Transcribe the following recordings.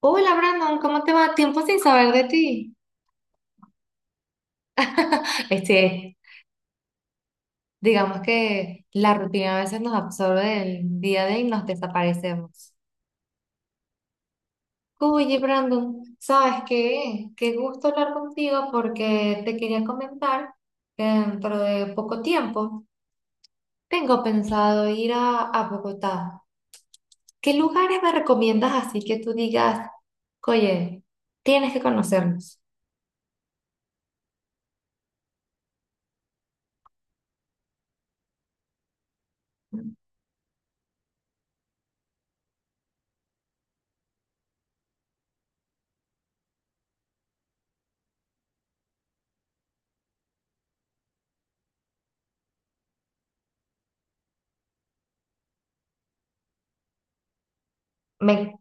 Hola Brandon, ¿cómo te va? Tiempo sin saber de ti. Este, digamos que la rutina a veces nos absorbe del día a día y nos desaparecemos. Oye Brandon, ¿sabes qué? Qué gusto hablar contigo porque te quería comentar que dentro de poco tiempo tengo pensado ir a Bogotá. ¿Qué lugares me recomiendas así que tú digas, oye, tienes que conocernos? Me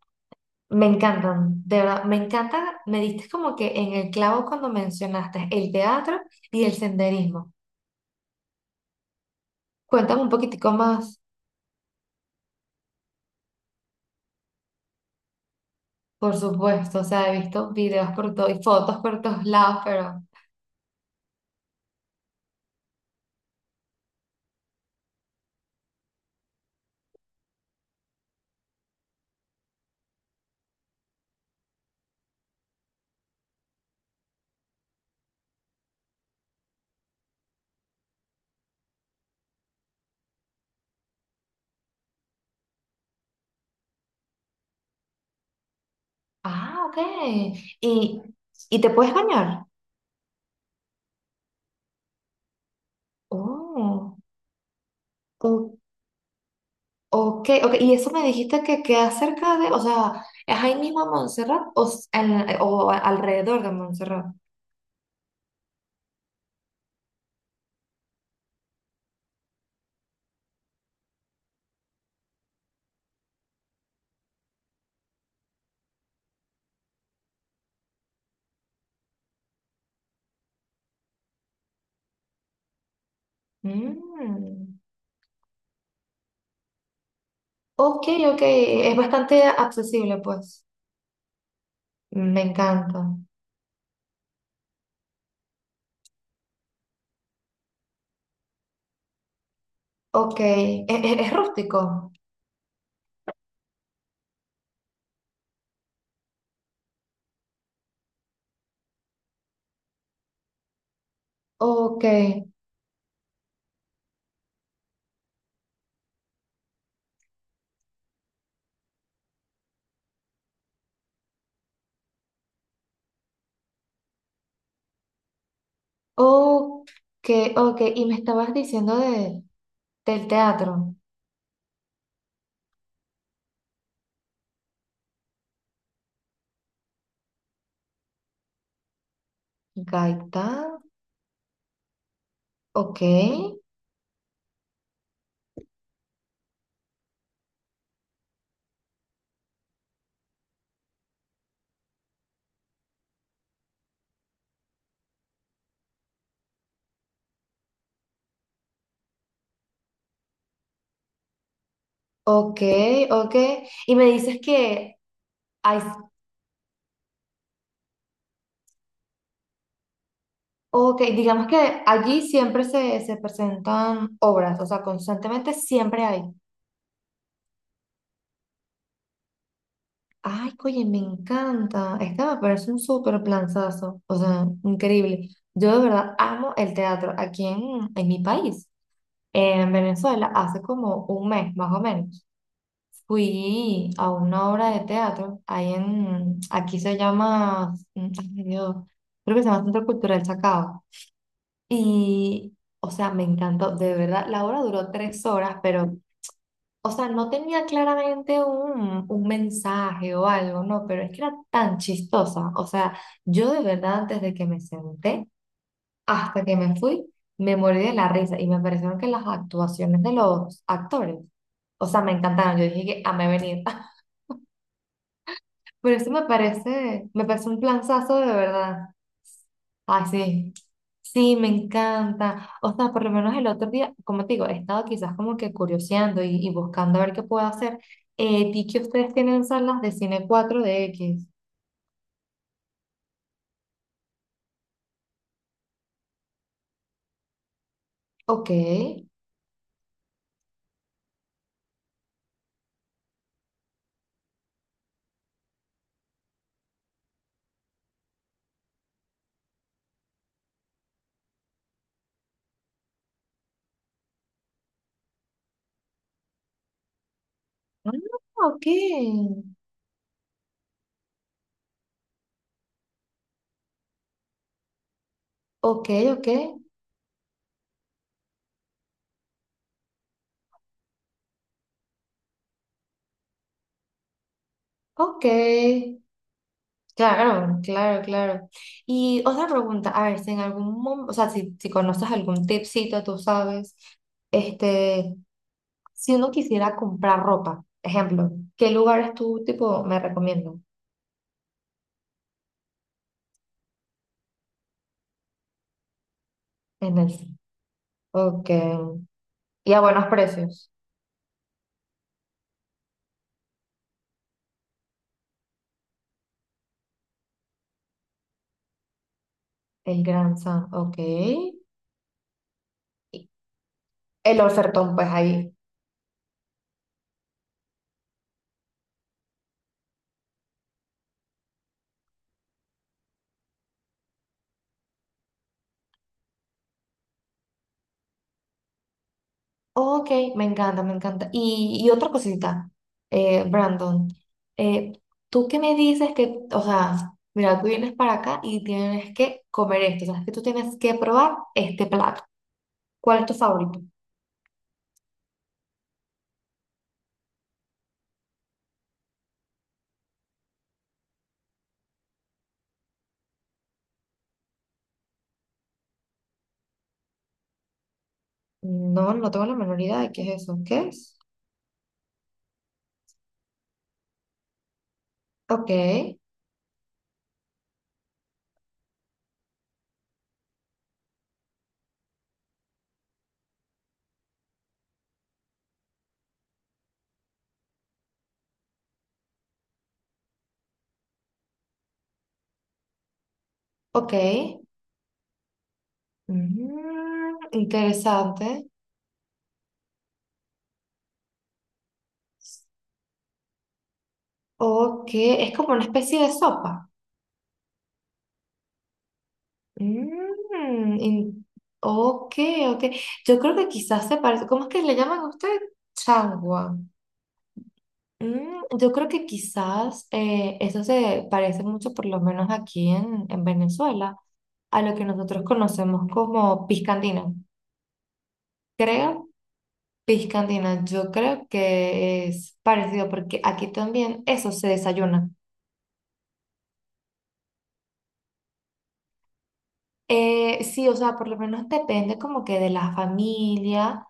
Me encantan, de verdad, me encanta, me diste como que en el clavo cuando mencionaste el teatro y el senderismo. Cuéntame un poquitico más, por supuesto, o sea, he visto videos por todo y fotos por todos lados, pero... Ah, ok. ¿Y, y te puedes bañar? Oh, o- ok, ok. Y eso me dijiste que queda cerca de, o sea, ¿es ahí mismo en Montserrat o, alrededor de Montserrat? Mm. Ok, ok, es bastante accesible, pues. Me encanta. Ok, es, rústico. Ok, ok, ok. Y me estabas diciendo del teatro. Gaita, ok, ok, ok. Y me dices que hay, ok, digamos que allí siempre se presentan obras, o sea, constantemente siempre hay. Ay, oye, me encanta. Este me parece un súper planazo, o sea, increíble. Yo de verdad amo el teatro aquí en mi país. En Venezuela, hace como un mes más o menos, fui a una obra de teatro, ahí en, aquí se llama, mm, ay Dios, creo que se llama Centro Cultural Chacao. Y, o sea, me encantó, de verdad, la obra duró tres horas, pero, o sea, no tenía claramente un mensaje o algo, no, pero es que era tan chistosa, o sea, yo de verdad antes de que me senté, hasta que me fui, me morí de la risa y me parecieron que las actuaciones de los actores, o sea, me encantaron. Yo dije que amé venir. Pero eso me parece un planzazo de verdad. Ay, sí. Sí, me encanta. O sea, por lo menos el otro día, como te digo, he estado quizás como que curioseando y buscando a ver qué puedo hacer. Vi que ustedes tienen salas de cine 4DX. Ok. Ah, ok. Ok, ok. Ok. Claro, claro, claro. Y otra pregunta, a ver, si en algún momento, o sea, si conoces algún tipcito, tú sabes, este, si uno quisiera comprar ropa, ejemplo, ¿qué lugares tú, tipo, me recomiendas? En el, ok, y a buenos precios, el Gran San, ok, y el ofertón, pues ahí. Ok, me encanta, me encanta. Y otra cosita, Brandon, eh, tú que me dices que, o sea, mira, tú vienes para acá y tienes que comer esto, o sea, que tú tienes que probar este plato. ¿Cuál es tu favorito? No, no tengo la menor idea de qué es eso. ¿Qué es? Ok, ok. Mm, interesante. Ok, es como una especie de sopa. Mm, in- ok, ok. Yo creo que quizás se parece. ¿Cómo es que le llaman a usted? Chagua. Mm, yo creo que quizás eso se parece mucho, por lo menos aquí en Venezuela, a lo que nosotros conocemos como piscandina. Creo, piscandina, yo creo que es parecido porque aquí también eso se desayuna. Sí, o sea, por lo menos depende como que de la familia.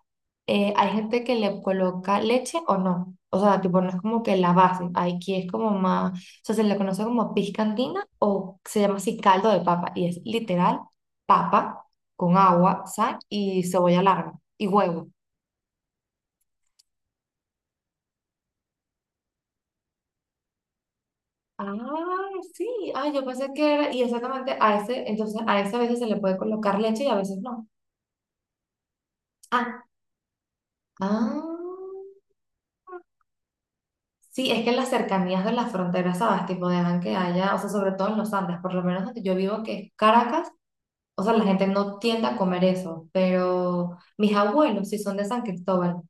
Hay gente que le coloca leche o no. O sea, tipo, no es como que la base. Aquí es como más, o sea, se le conoce como piscandina o se llama así caldo de papa. Y es literal papa con agua, sal y cebolla larga y huevo. Ah, sí. Ah, yo pensé que era, y exactamente a ese, entonces a ese a veces se le puede colocar leche y a veces no. Ah, ah. Sí, es que las cercanías de las fronteras, ¿sabes? Tipo, dejan que haya, o sea, sobre todo en los Andes, por lo menos donde yo vivo, que es Caracas, o sea, la gente no tiende a comer eso, pero mis abuelos sí son de San Cristóbal.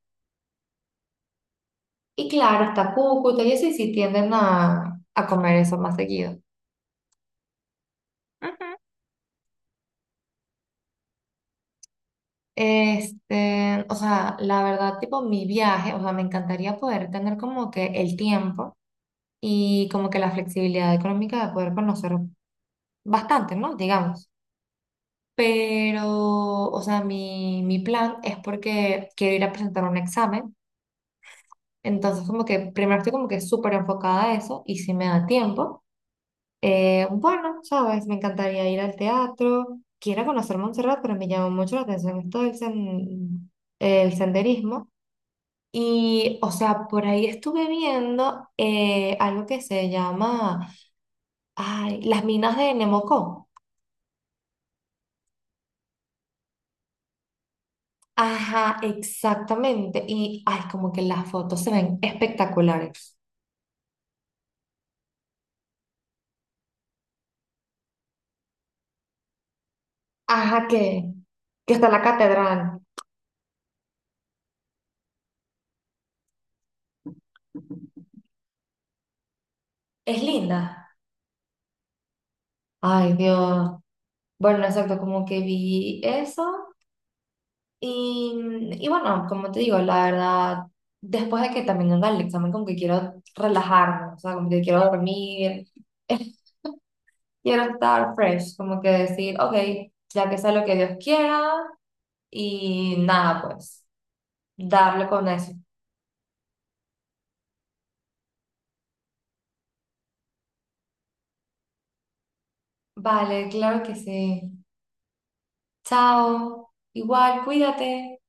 Y claro, está Cúcuta y eso, y sí tienden a comer eso más seguido. Ujú. Este, o sea, la verdad, tipo, mi viaje, o sea, me encantaría poder tener como que el tiempo y como que la flexibilidad económica de poder conocer bastante, ¿no? Digamos. Pero, o sea, mi plan es porque quiero ir a presentar un examen. Entonces, como que primero estoy como que súper enfocada a eso y si me da tiempo, bueno, sabes, me encantaría ir al teatro. Quiero conocer Montserrat, pero me llama mucho la atención esto el senderismo. Y, o sea, por ahí estuve viendo algo que se llama, ay, las minas de Nemocó. Ajá, exactamente. Y ay, como que las fotos se ven espectaculares. Ajá, que está la catedral. Es linda. Ay, Dios. Bueno, exacto, como que vi eso. Y bueno, como te digo, la verdad, después de que también anda el examen, como que quiero relajarme, o sea, como que quiero dormir, quiero estar fresh, como que decir, ok, ya que sea lo que Dios quiera, y nada, pues, darle con eso. Vale, claro que sí. Chao. Igual, cuídate.